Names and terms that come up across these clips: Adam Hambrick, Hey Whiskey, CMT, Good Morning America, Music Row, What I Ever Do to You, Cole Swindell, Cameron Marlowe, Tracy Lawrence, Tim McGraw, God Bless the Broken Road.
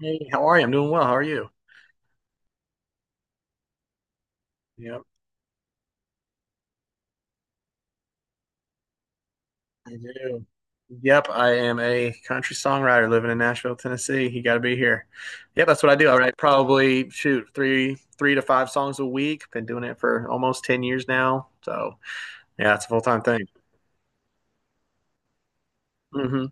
Hey, how are you? I'm doing well. How are you? Yep, I do. Yep, I am a country songwriter living in Nashville, Tennessee. You got to be here. Yep, that's what I do. I write probably shoot three to five songs a week. Been doing it for almost 10 years now. So yeah, it's a full time thing. Hmm.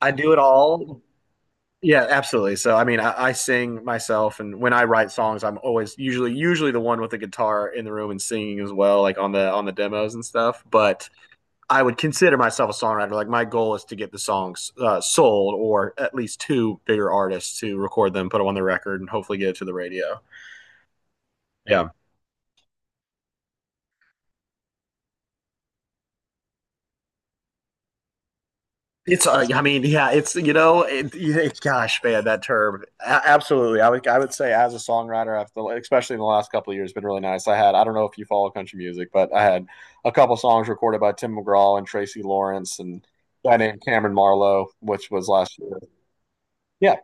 I do it all. Yeah, absolutely. So I mean, I sing myself, and when I write songs, I'm always usually the one with the guitar in the room and singing as well, like on the demos and stuff. But I would consider myself a songwriter. Like my goal is to get the songs sold, or at least two bigger artists to record them, put them on the record, and hopefully get it to the radio. Yeah, it's. I mean, yeah, it's, gosh, man, that term. Absolutely, I would say as a songwriter, I've, especially in the last couple of years, been really nice. I had. I don't know if you follow country music, but I had a couple songs recorded by Tim McGraw and Tracy Lawrence and a guy named Cameron Marlowe, which was last year. Yeah,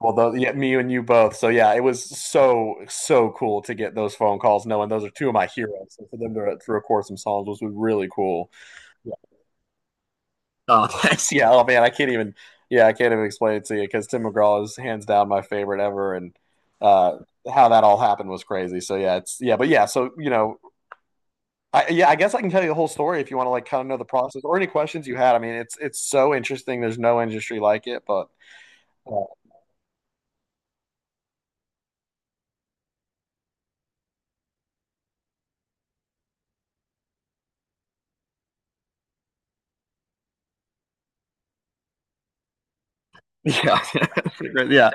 well, though, yeah, me and you both. So yeah, it was so cool to get those phone calls, knowing those are two of my heroes. So for them to record some songs was really cool. Yeah. Oh, that's, yeah. Oh man, I can't even. Yeah, I can't even explain it to you because Tim McGraw is hands down my favorite ever, and uh, how that all happened was crazy. So yeah, it's yeah, but yeah. So I guess I can tell you the whole story if you want to like kind of know the process or any questions you had. I mean, it's so interesting. There's no industry like it, but uh, yeah, yeah.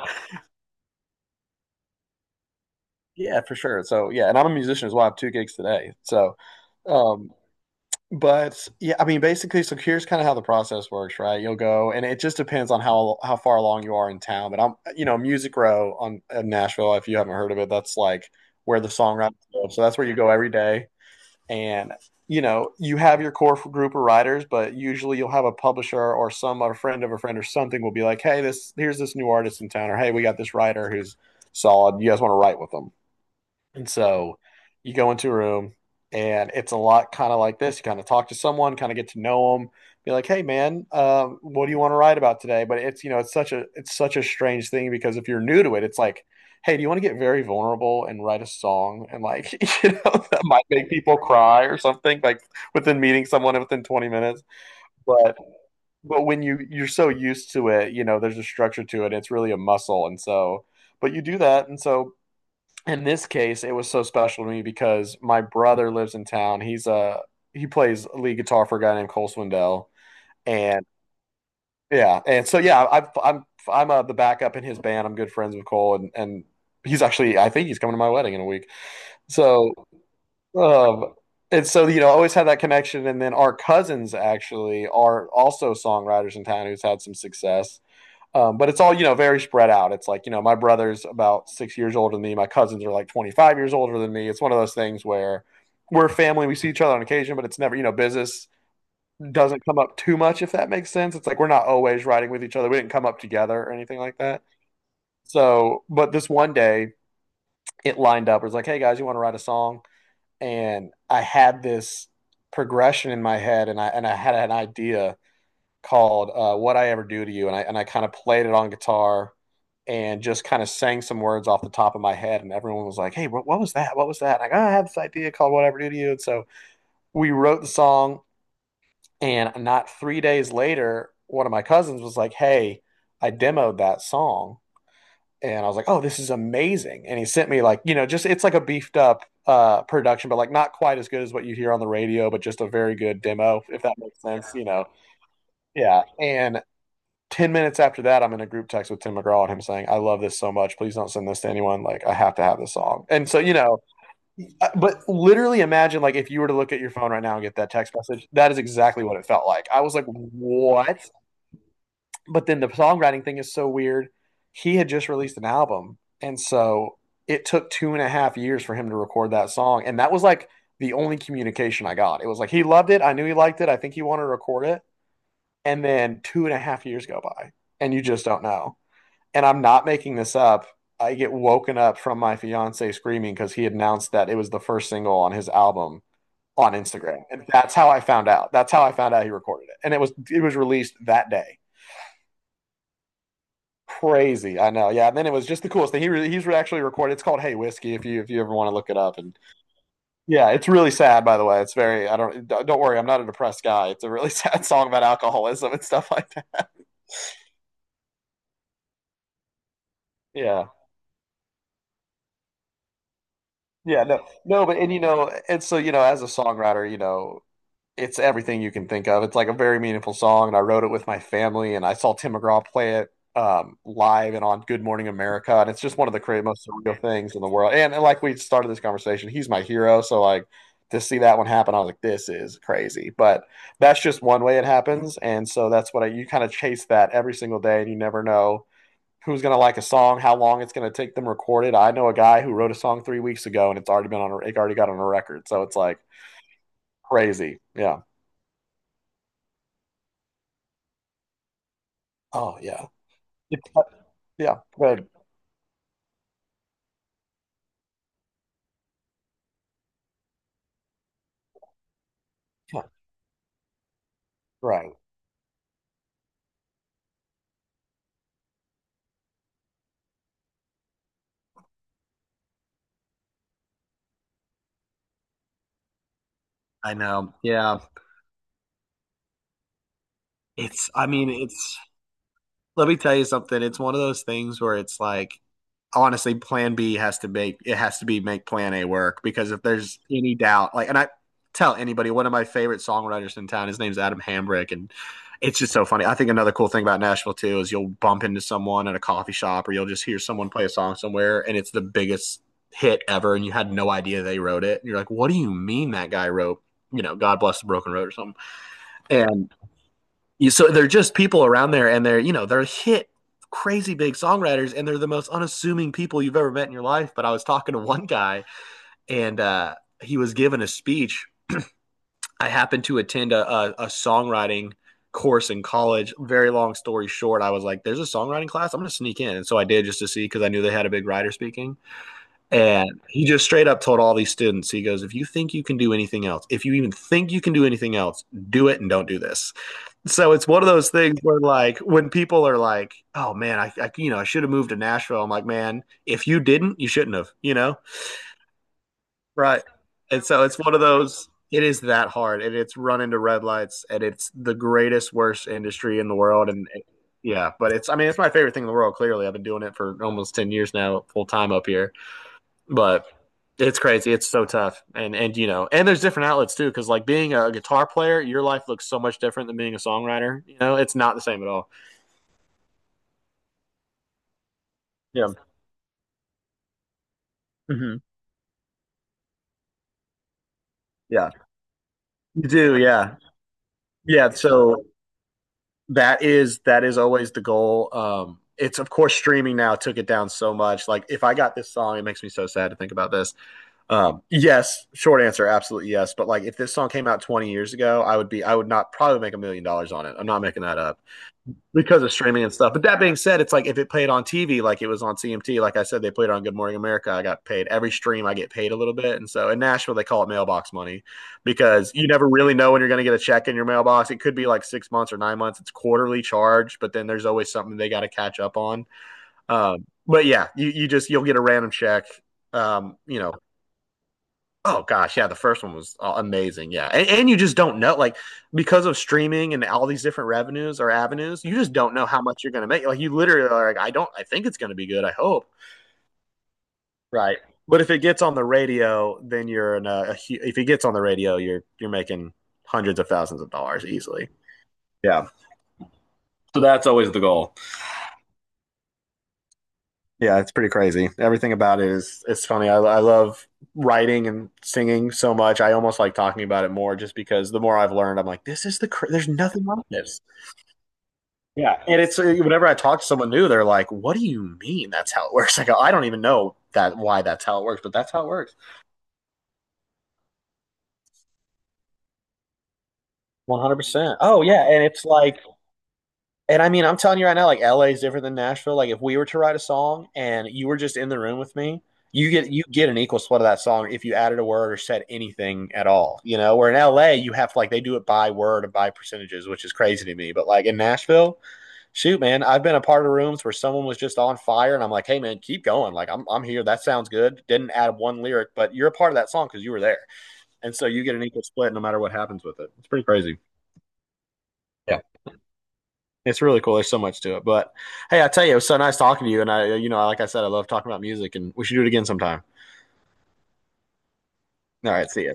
Yeah, for sure. So yeah, and I'm a musician as well. I have two gigs today. So, um, but yeah, I mean, basically, so here's kind of how the process works, right? You'll go, and it just depends on how far along you are in town. But I'm, you know, Music Row on in Nashville. If you haven't heard of it, that's like where the songwriters go. So that's where you go every day, and you know, you have your core group of writers, but usually you'll have a publisher or some a friend of a friend or something will be like, hey, this here's this new artist in town, or hey, we got this writer who's solid. You guys want to write with them? And so you go into a room, and it's a lot kind of like this. You kind of talk to someone, kind of get to know them, be like, "Hey, man, what do you want to write about today?" But it's, you know, it's such a strange thing, because if you're new to it, it's like, "Hey, do you want to get very vulnerable and write a song?" And like, you know that might make people cry or something. Like within meeting someone within 20 minutes, but when you're so used to it, you know there's a structure to it. It's really a muscle, and so but you do that, and so in this case, it was so special to me because my brother lives in town. He plays lead guitar for a guy named Cole Swindell, and yeah, and so yeah, I'm the backup in his band. I'm good friends with Cole, and he's actually, I think, he's coming to my wedding in a week. So um, and so, you know, I always had that connection. And then our cousins actually are also songwriters in town who's had some success. But it's all, you know, very spread out. It's like, you know, my brother's about 6 years older than me. My cousins are like 25 years older than me. It's one of those things where we're family. We see each other on occasion, but it's never, you know, business doesn't come up too much, if that makes sense. It's like we're not always riding with each other. We didn't come up together or anything like that. So, but this one day it lined up. It was like, hey guys, you want to write a song? And I had this progression in my head, and I had an idea called "What I Ever Do to You," and I kind of played it on guitar and just kind of sang some words off the top of my head. And everyone was like, "Hey, what was that? What was that?" Like, oh, I had this idea called "What I Ever Do to You," and so we wrote the song. And not 3 days later, one of my cousins was like, "Hey, I demoed that song," and I was like, "Oh, this is amazing!" And he sent me like, you know, just, it's like a beefed up production, but like not quite as good as what you hear on the radio, but just a very good demo, if that makes sense, you know. Yeah, and 10 minutes after that, I'm in a group text with Tim McGraw and him saying, I love this so much. Please don't send this to anyone. Like, I have to have this song. And so, you know, but literally imagine, like, if you were to look at your phone right now and get that text message, that is exactly what it felt like. I was like, what? But then the songwriting thing is so weird. He had just released an album. And so it took 2.5 years for him to record that song. And that was like the only communication I got. It was like, he loved it. I knew he liked it. I think he wanted to record it. And then 2.5 years go by, and you just don't know, and I'm not making this up. I get woken up from my fiance screaming because he announced that it was the first single on his album on Instagram, and that's how I found out. That's how I found out he recorded it, and it was released that day. Crazy, I know. Yeah, and then it was just the coolest thing. He's actually recorded. It's called Hey Whiskey. If you ever want to look it up, and yeah, it's really sad. By the way, it's very. I don't worry. I'm not a depressed guy. It's a really sad song about alcoholism and stuff like that. Yeah. Yeah, no, no, but and, and so, as a songwriter, it's everything you can think of. It's like a very meaningful song, and I wrote it with my family, and I saw Tim McGraw play it live and on Good Morning America, and it's just one of the most surreal things in the world. And like we started this conversation, he's my hero, so like, to see that one happen, I was like, this is crazy. But that's just one way it happens, and so you kind of chase that every single day, and you never know who's going to like a song, how long it's going to take them recorded. I know a guy who wrote a song 3 weeks ago, and it's already been on, it already got on a record, so it's like crazy, yeah. Oh yeah. It's, yeah, good. Right. I know. Yeah. I mean, let me tell you something. It's one of those things where it's like, honestly, plan B has to be make plan A work, because if there's any doubt, like, and I tell anybody, one of my favorite songwriters in town, his name's Adam Hambrick, and it's just so funny. I think another cool thing about Nashville too is, you'll bump into someone at a coffee shop, or you'll just hear someone play a song somewhere, and it's the biggest hit ever, and you had no idea they wrote it, and you're like, what do you mean that guy wrote, God Bless the Broken Road, or something? And so they're just people around there, and they're you know they're hit crazy big songwriters, and they're the most unassuming people you've ever met in your life. But I was talking to one guy, and he was giving a speech. I happened to attend a songwriting course in college. Very long story short, I was like, "There's a songwriting class. "I'm going to sneak in," and so I did just to see because I knew they had a big writer speaking. And he just straight up told all these students, he goes, "If you think you can do anything else, if you even think you can do anything else, do it and don't do this." So it's one of those things where, like, when people are like, "Oh man, I I should have moved to Nashville," I'm like, "Man, if you didn't, you shouldn't have," you know? Right. And so it's one of those. It is that hard, and it's run into red lights, and it's the greatest worst industry in the world, and it, yeah, but it's I mean it's my favorite thing in the world. Clearly, I've been doing it for almost 10 years now, full time up here. But it's crazy. It's so tough, and and there's different outlets too. Because like being a guitar player, your life looks so much different than being a songwriter. You know, it's not the same at all. Yeah. Hmm. Yeah. You do. Yeah. Yeah. So that is always the goal. It's of course streaming now took it down so much. Like if I got this song, it makes me so sad to think about this. Yes, short answer, absolutely yes. But like if this song came out 20 years ago, I would not probably make $1 million on it. I'm not making that up. Because of streaming and stuff. But that being said, it's like if it played on TV, like it was on CMT, like I said, they played on Good Morning America. I got paid every stream. I get paid a little bit, and so in Nashville they call it mailbox money because you never really know when you're going to get a check in your mailbox. It could be like 6 months or 9 months. It's quarterly charged, but then there's always something they got to catch up on. But yeah, you just you'll get a random check. Um, you know, Oh gosh, yeah, the first one was amazing. Yeah, and you just don't know, like, because of streaming and all these different revenues or avenues, you just don't know how much you're going to make. Like, you literally are like, I don't, I think it's going to be good. I hope, right? But if it gets on the radio, then you're in a if it gets on the radio, you're making hundreds of thousands of dollars easily. Yeah. So that's always the goal. Yeah, it's pretty crazy. Everything about it is it's funny. I love writing and singing so much. I almost like talking about it more just because the more I've learned, I'm like, this is the there's nothing like this. Yeah, and it's whenever I talk to someone new, they're like, "What do you mean? That's how it works?" I go, "I don't even know that why that's how it works, but that's how it works." 100%. Oh yeah, and it's like And I mean, I'm telling you right now, like LA is different than Nashville. Like if we were to write a song and you were just in the room with me, you get an equal split of that song if you added a word or said anything at all. You know, where in LA you have to like they do it by word and by percentages, which is crazy to me. But like in Nashville, shoot, man, I've been a part of rooms where someone was just on fire and I'm like, hey man, keep going. Like I'm here. That sounds good. Didn't add one lyric, but you're a part of that song because you were there. And so you get an equal split no matter what happens with it. It's pretty crazy. It's really cool. There's so much to it. But hey, I tell you, it was so nice talking to you. And like I said, I love talking about music and we should do it again sometime. All right. See ya.